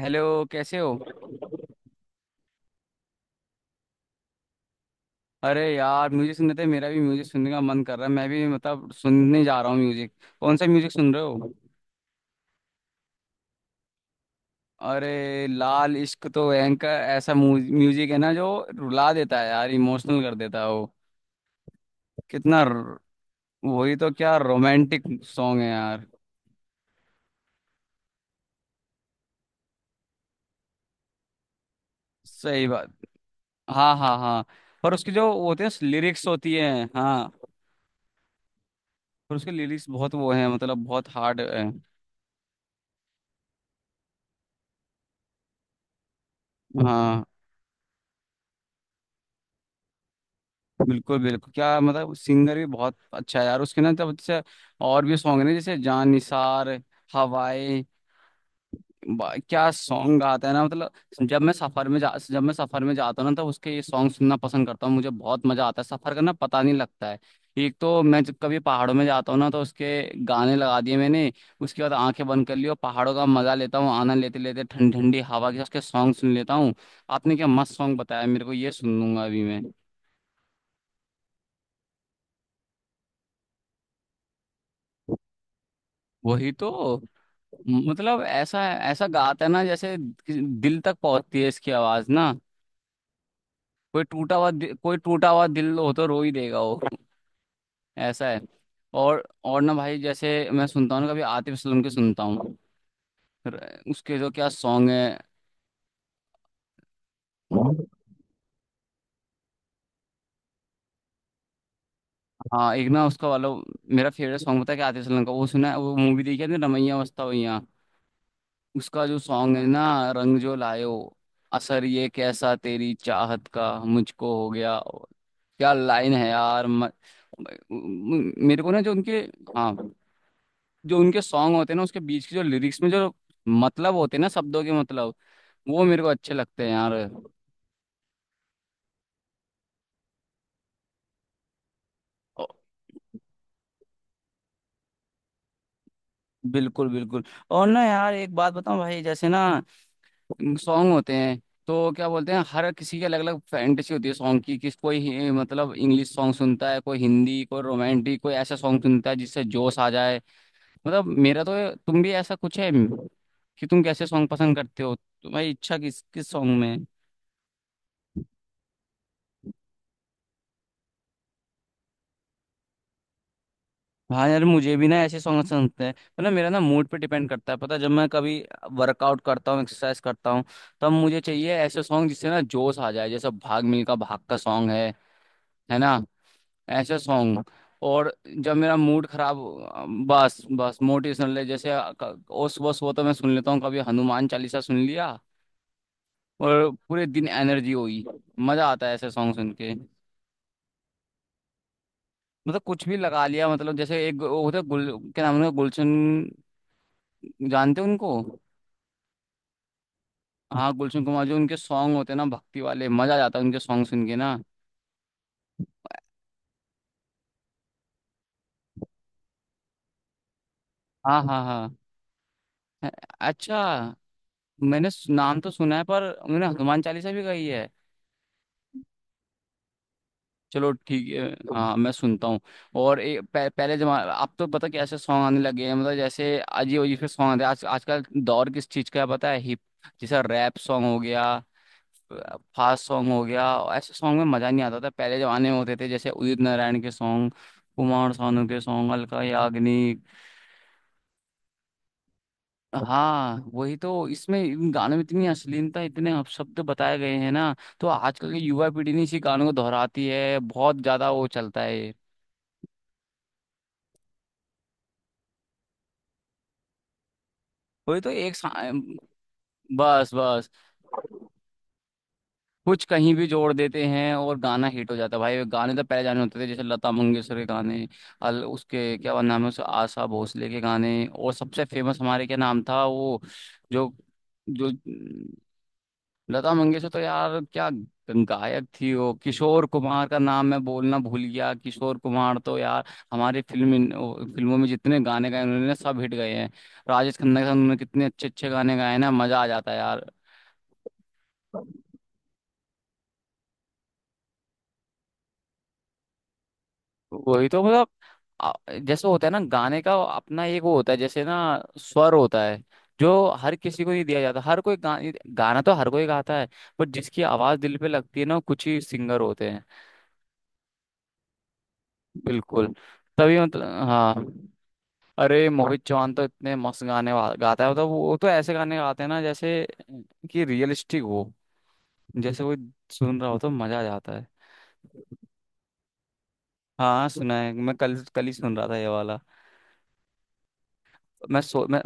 Hello, कैसे हो? अरे यार, म्यूजिक सुनने थे। मेरा भी म्यूजिक सुनने का मन कर रहा है, मैं भी मतलब सुनने जा रहा हूँ म्यूजिक। कौन सा म्यूजिक सुन रहे हो? अरे लाल इश्क तो एंकर ऐसा म्यूजिक है ना, जो रुला देता है यार, इमोशनल कर देता है वो। कितना र- वही तो, क्या रोमांटिक सॉन्ग है यार। सही बात। हाँ हाँ हाँ। और उसकी जो वो होते हैं लिरिक्स होती है, हाँ। और उसके लिरिक्स बहुत वो है, मतलब बहुत हार्ड है। हाँ, बिल्कुल बिल्कुल, क्या मतलब सिंगर भी बहुत अच्छा है यार उसके ना तब जैसे। और भी सॉन्ग ने जैसे जान निसार, हवाएं। क्या सॉन्ग गाता है ना मतलब। जब मैं सफर में जाता हूँ ना, तो उसके ये सॉन्ग सुनना पसंद करता हूँ। मुझे बहुत मजा आता है, सफर करना पता नहीं लगता है। एक तो मैं जब कभी पहाड़ों में जाता हूँ ना, तो उसके गाने लगा दिए मैंने। उसके बाद आंखें बंद कर ली और पहाड़ों का मजा लेता हूँ, आनंद लेते लेते ठंडी ठंडी हवा के उसके सॉन्ग सुन लेता हूँ। आपने क्या मस्त सॉन्ग बताया मेरे को, ये सुन लूंगा अभी मैं। वही तो मतलब, ऐसा ऐसा गाता है ना जैसे। दिल तक पहुंचती है इसकी आवाज ना। कोई टूटा हुआ दिल हो तो रो ही देगा वो। ऐसा है। और ना भाई, जैसे मैं सुनता हूँ ना कभी आतिफ असलम के सुनता हूँ। उसके जो क्या सॉन्ग है। हाँ एक ना उसका वाला। मेरा फेवरेट सॉन्ग पता है क्या आतिफ असलम का, वो सुना है? वो मूवी देखी है ना, रमैया मस्ता भैया। उसका जो सॉन्ग है ना, रंग जो लायो, असर ये कैसा तेरी चाहत का मुझको हो गया। क्या लाइन है यार। म, म- मेरे को ना जो उनके, हाँ, जो उनके सॉन्ग होते हैं ना उसके बीच के जो लिरिक्स में जो मतलब होते हैं ना शब्दों के मतलब, वो मेरे को अच्छे लगते हैं यार। ओ, बिल्कुल बिल्कुल। और ना यार, एक बात बताऊं भाई जैसे ना, सॉन्ग होते हैं तो क्या बोलते हैं, हर किसी की अलग अलग फैंटेसी होती है सॉन्ग की। किस कोई मतलब इंग्लिश सॉन्ग सुनता है, कोई हिंदी, कोई रोमांटिक, कोई ऐसा सॉन्ग सुनता है जिससे जोश आ जाए। मतलब मेरा तो तुम भी ऐसा कुछ है कि तुम कैसे सॉन्ग पसंद करते हो? तुम्हारी इच्छा किस किस सॉन्ग में है? हाँ यार मुझे भी ना ऐसे सॉन्ग पसंद होते हैं। मतलब मेरा ना मूड पे डिपेंड करता है पता है, जब मैं कभी वर्कआउट करता हूँ, एक्सरसाइज करता हूँ, तब मुझे चाहिए ऐसे सॉन्ग जिससे ना जोश आ जाए, जैसे भाग मिल्खा भाग का सॉन्ग है ना। ऐसे सॉन्ग। और जब मेरा मूड खराब हो, बस बस मोटिवेशनल है, जैसे अ- क- ओ सुबह सुबह तो मैं सुन लेता हूँ, कभी हनुमान चालीसा सुन लिया और पूरे दिन एनर्जी हुई। मजा आता है ऐसे सॉन्ग सुन के। मतलब कुछ भी लगा लिया, मतलब जैसे एक वो होता है गुल क्या नाम है उनका? गुलशन। जानते हो उनको? हाँ, गुलशन कुमार, जो उनके सॉन्ग होते हैं ना भक्ति वाले, मजा आ जाता है उनके सॉन्ग सुन के ना। हाँ हाँ हाँ। अ- अच्छा, नाम तो सुना है पर उन्होंने हनुमान चालीसा भी गाई है? चलो ठीक है, हाँ मैं सुनता हूँ। और पहले जमा अब तो पता कैसे सॉन्ग आने लगे हैं, मतलब जैसे अजीब अजीब से सॉन्ग आते हैं आज आजकल। दौर किस चीज़ का है पता है? हिप, जैसा रैप सॉन्ग हो गया, फास्ट सॉन्ग हो गया। ऐसे सॉन्ग में मज़ा नहीं आता। था पहले जमाने में होते थे जैसे उदित नारायण के सॉन्ग, कुमार सानू के सॉन्ग, अलका याग्निक। हाँ वही तो, इसमें इन गानों में इतनी अश्लीलता इतने अपशब्द बताए गए हैं ना, तो आजकल की युवा पीढ़ी ने इसी गानों को दोहराती है बहुत ज्यादा, वो चलता है ये। वही तो एक, बस बस, कुछ कहीं भी जोड़ देते हैं और गाना हिट हो जाता है भाई। गाने तो पहले जाने होते थे, जैसे लता मंगेशकर के गाने, अल उसके क्या नाम है, उस आशा भोसले के गाने, और सबसे फेमस हमारे क्या नाम था वो, जो जो, लता मंगेशकर तो यार क्या गायक थी वो। किशोर कुमार का नाम मैं बोलना भूल गया, किशोर कुमार तो यार हमारी फिल्मों में जितने गाने गाए उन्होंने सब हिट गए हैं। राजेश खन्ना के साथ उन्होंने कितने अच्छे अच्छे गाने गाए हैं ना, मजा आ जाता है यार। वही तो मतलब, आ- जैसे होता है ना गाने का अपना एक वो होता है, जैसे ना स्वर होता है जो हर किसी को नहीं दिया जाता। हर कोई गाना तो हर कोई गाता है, बट जिसकी आवाज दिल पे लगती है ना, वो कुछ ही सिंगर होते हैं। बिल्कुल, तभी मतलब, हाँ। अरे मोहित चौहान तो इतने मस्त गाता है, मतलब वो तो ऐसे गाने गाते हैं ना जैसे कि रियलिस्टिक हो, जैसे कोई सुन रहा हो, तो मजा आ जाता है। हाँ सुना है, मैं कल कल ही सुन रहा था ये वाला। मैं सो मैं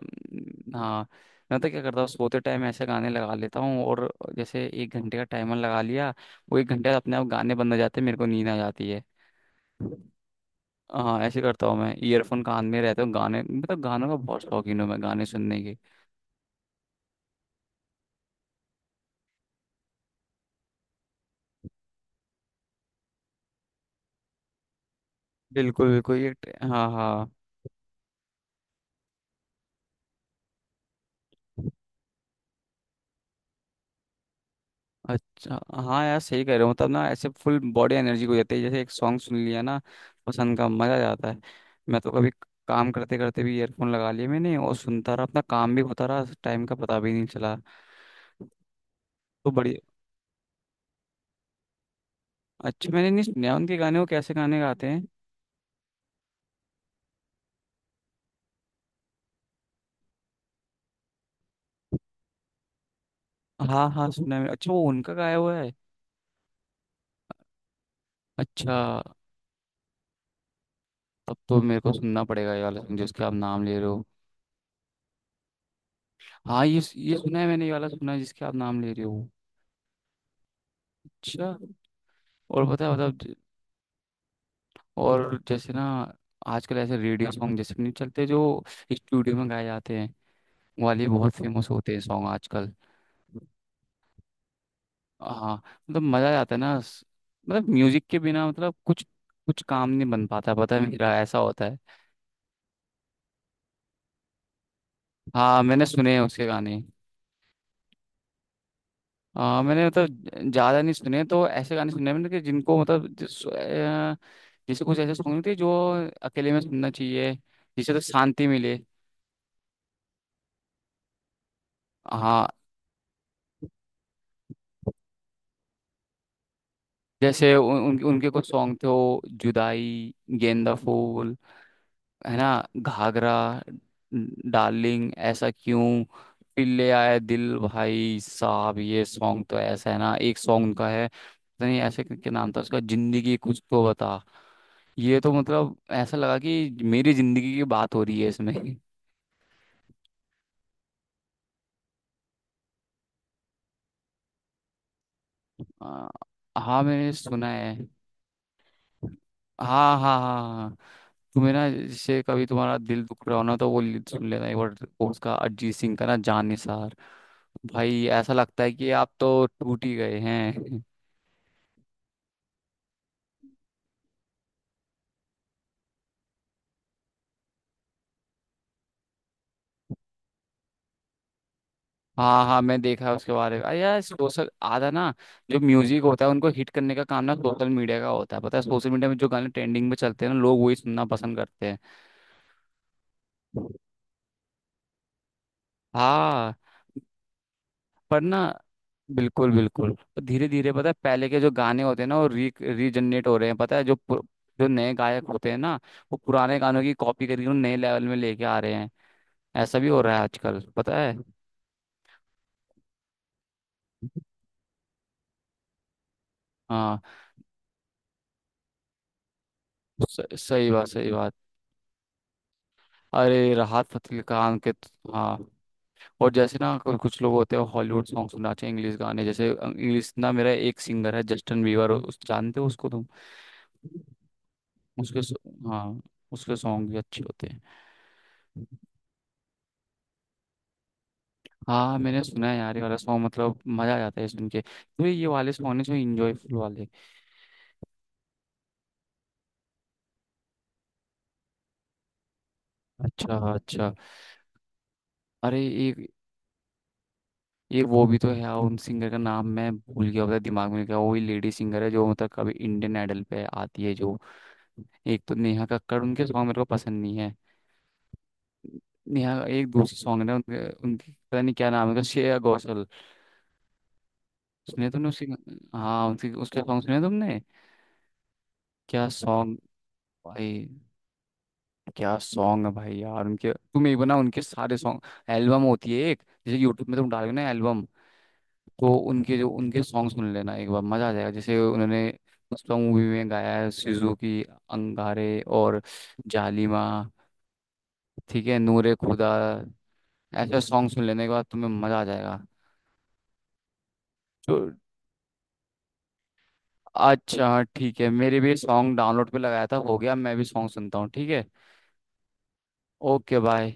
हाँ, मैं तो क्या करता हूँ, सोते टाइम ऐसे गाने लगा लेता हूँ और जैसे एक घंटे का टाइमर लगा लिया, वो एक घंटे अपने आप गाने बंद हो जाते हैं, मेरे को नींद आ जाती है। हाँ ऐसे करता हूँ मैं, ईयरफोन कान में रहते हूँ गाने, मतलब गानों का बहुत शौकीन हूँ मैं गाने सुनने की। बिल्कुल बिल्कुल ये, हाँ हाँ, अच्छा, हाँ यार सही कह रहे हो, मतलब ना ऐसे फुल बॉडी एनर्जी हो जाती है जैसे एक सॉन्ग सुन लिया ना पसंद का, मजा आ जाता है। मैं तो कभी काम करते करते भी ईयरफोन लगा लिए मैंने और सुनता रहा, अपना काम भी होता रहा, टाइम का पता भी नहीं चला। तो बड़ी, अच्छा मैंने नहीं सुना उनके गाने, वो कैसे गाने गाते हैं? हाँ हाँ सुना है मैंने। अच्छा, वो उनका गाया हुआ है? अच्छा, तब तो मेरे को सुनना पड़ेगा ये वाला song जिसके आप नाम ले रहे हो। हाँ, ये सुना है मैंने, ये वाला सुना है जिसके आप नाम ले रहे हो। अच्छा। और पता है मतलब, और जैसे ना आजकल ऐसे रेडियो सॉन्ग जैसे नहीं चलते जो स्टूडियो में गाए जाते हैं, वो वाले बहुत फेमस होते हैं सॉन्ग आजकल। हाँ, मतलब मजा आता है ना। मतलब म्यूजिक के बिना मतलब कुछ कुछ काम नहीं बन पाता, पता है मेरा ऐसा होता है। हाँ मैंने सुने हैं उसके गाने। मैंने मतलब ज्यादा नहीं सुने, तो ऐसे गाने सुने हैं मैंने कि जिनको मतलब। जैसे कुछ ऐसे सॉन्ग थे जो अकेले में सुनना चाहिए, जिससे तो शांति मिले। हाँ, जैसे उन, उन, उनके कुछ सॉन्ग थे, वो जुदाई, गेंदा फूल, है ना, घाघरा, डार्लिंग ऐसा क्यों, फिर ले आया दिल। भाई साहब ये सॉन्ग तो ऐसा है ना, एक सॉन्ग उनका है पता नहीं ऐसे क्या नाम था उसका, जिंदगी कुछ तो बता। ये तो मतलब, ऐसा लगा कि मेरी जिंदगी की बात हो रही है इसमें। आ, हाँ, मैंने सुना है। हाँ हाँ हाँ हाँ। तुम्हें ना, जैसे कभी तुम्हारा दिल दुख रहा हो ना, तो वो लीड सुन लेना एक बार, वो उसका अरिजीत सिंह का ना, जान निसार। भाई ऐसा लगता है कि आप तो टूट ही गए हैं। हाँ हाँ, मैं देखा है उसके बारे में। अरे यार, सोशल आधा ना, जो म्यूजिक होता है उनको हिट करने का काम ना सोशल मीडिया का होता है, पता है? सोशल मीडिया में जो गाने ट्रेंडिंग में चलते हैं ना, लोग वही सुनना पसंद करते हैं। हाँ, पर ना, बिल्कुल बिल्कुल, धीरे धीरे पता है पहले के जो गाने होते हैं ना, वो री रीजनरेट हो रहे हैं, पता है। जो नए गायक होते हैं ना, वो पुराने गानों की कॉपी करके उन्हें नए लेवल में लेके आ रहे हैं। ऐसा भी हो रहा है आजकल, पता है। हाँ, सही बात, सही बात। अरे राहत फतेह खान के हाँ। और जैसे ना कुछ लोग होते हैं हॉलीवुड सॉन्ग सुनना चाहिए, इंग्लिश गाने जैसे, इंग्लिश ना मेरा एक सिंगर है जस्टिन बीवर, उस जानते हो उसको तुम? हाँ, उसके सॉन्ग भी अच्छे होते हैं। हाँ मैंने सुना है यार ये वाला सॉन्ग, मतलब मजा आ जाता है सुन के, तो ये वाले सॉन्ग है जो इंजॉयफुल वाले। अच्छा अच्छा। अरे एक एक वो भी तो है यार, उन सिंगर का नाम मैं भूल गया पता, दिमाग में क्या वही लेडी सिंगर है जो मतलब कभी इंडियन आइडल पे आती है जो। एक तो नेहा कक्कड़, उनके सॉन्ग मेरे को पसंद नहीं है। नेहा का एक दूसरी सॉन्ग है ना उनके उनकी पता नहीं क्या नाम है उनका, श्रेया घोषाल। सुने तुमने उसकी? हाँ उनकी, उसके सॉन्ग सुने तुमने? क्या सॉन्ग, भाई, क्या सॉन्ग है भाई यार उनके। तुम एक बना उनके सारे सॉन्ग एल्बम होती है एक, जैसे यूट्यूब में तुम डालोगे ना एल्बम, तो उनके जो उनके सॉन्ग सुन लेना एक बार, मजा आ जाएगा। जैसे उन्होंने पुष्पा मूवी में गाया है सुजुकी अंगारे, और जालिमा, ठीक है, नूरे खुदा। ऐसे सॉन्ग सुन लेने के बाद तुम्हें मजा आ जाएगा। तो अच्छा, ठीक है, मेरे भी सॉन्ग डाउनलोड पे लगाया था, हो गया, मैं भी सॉन्ग सुनता हूँ, ठीक है। Okay, bye.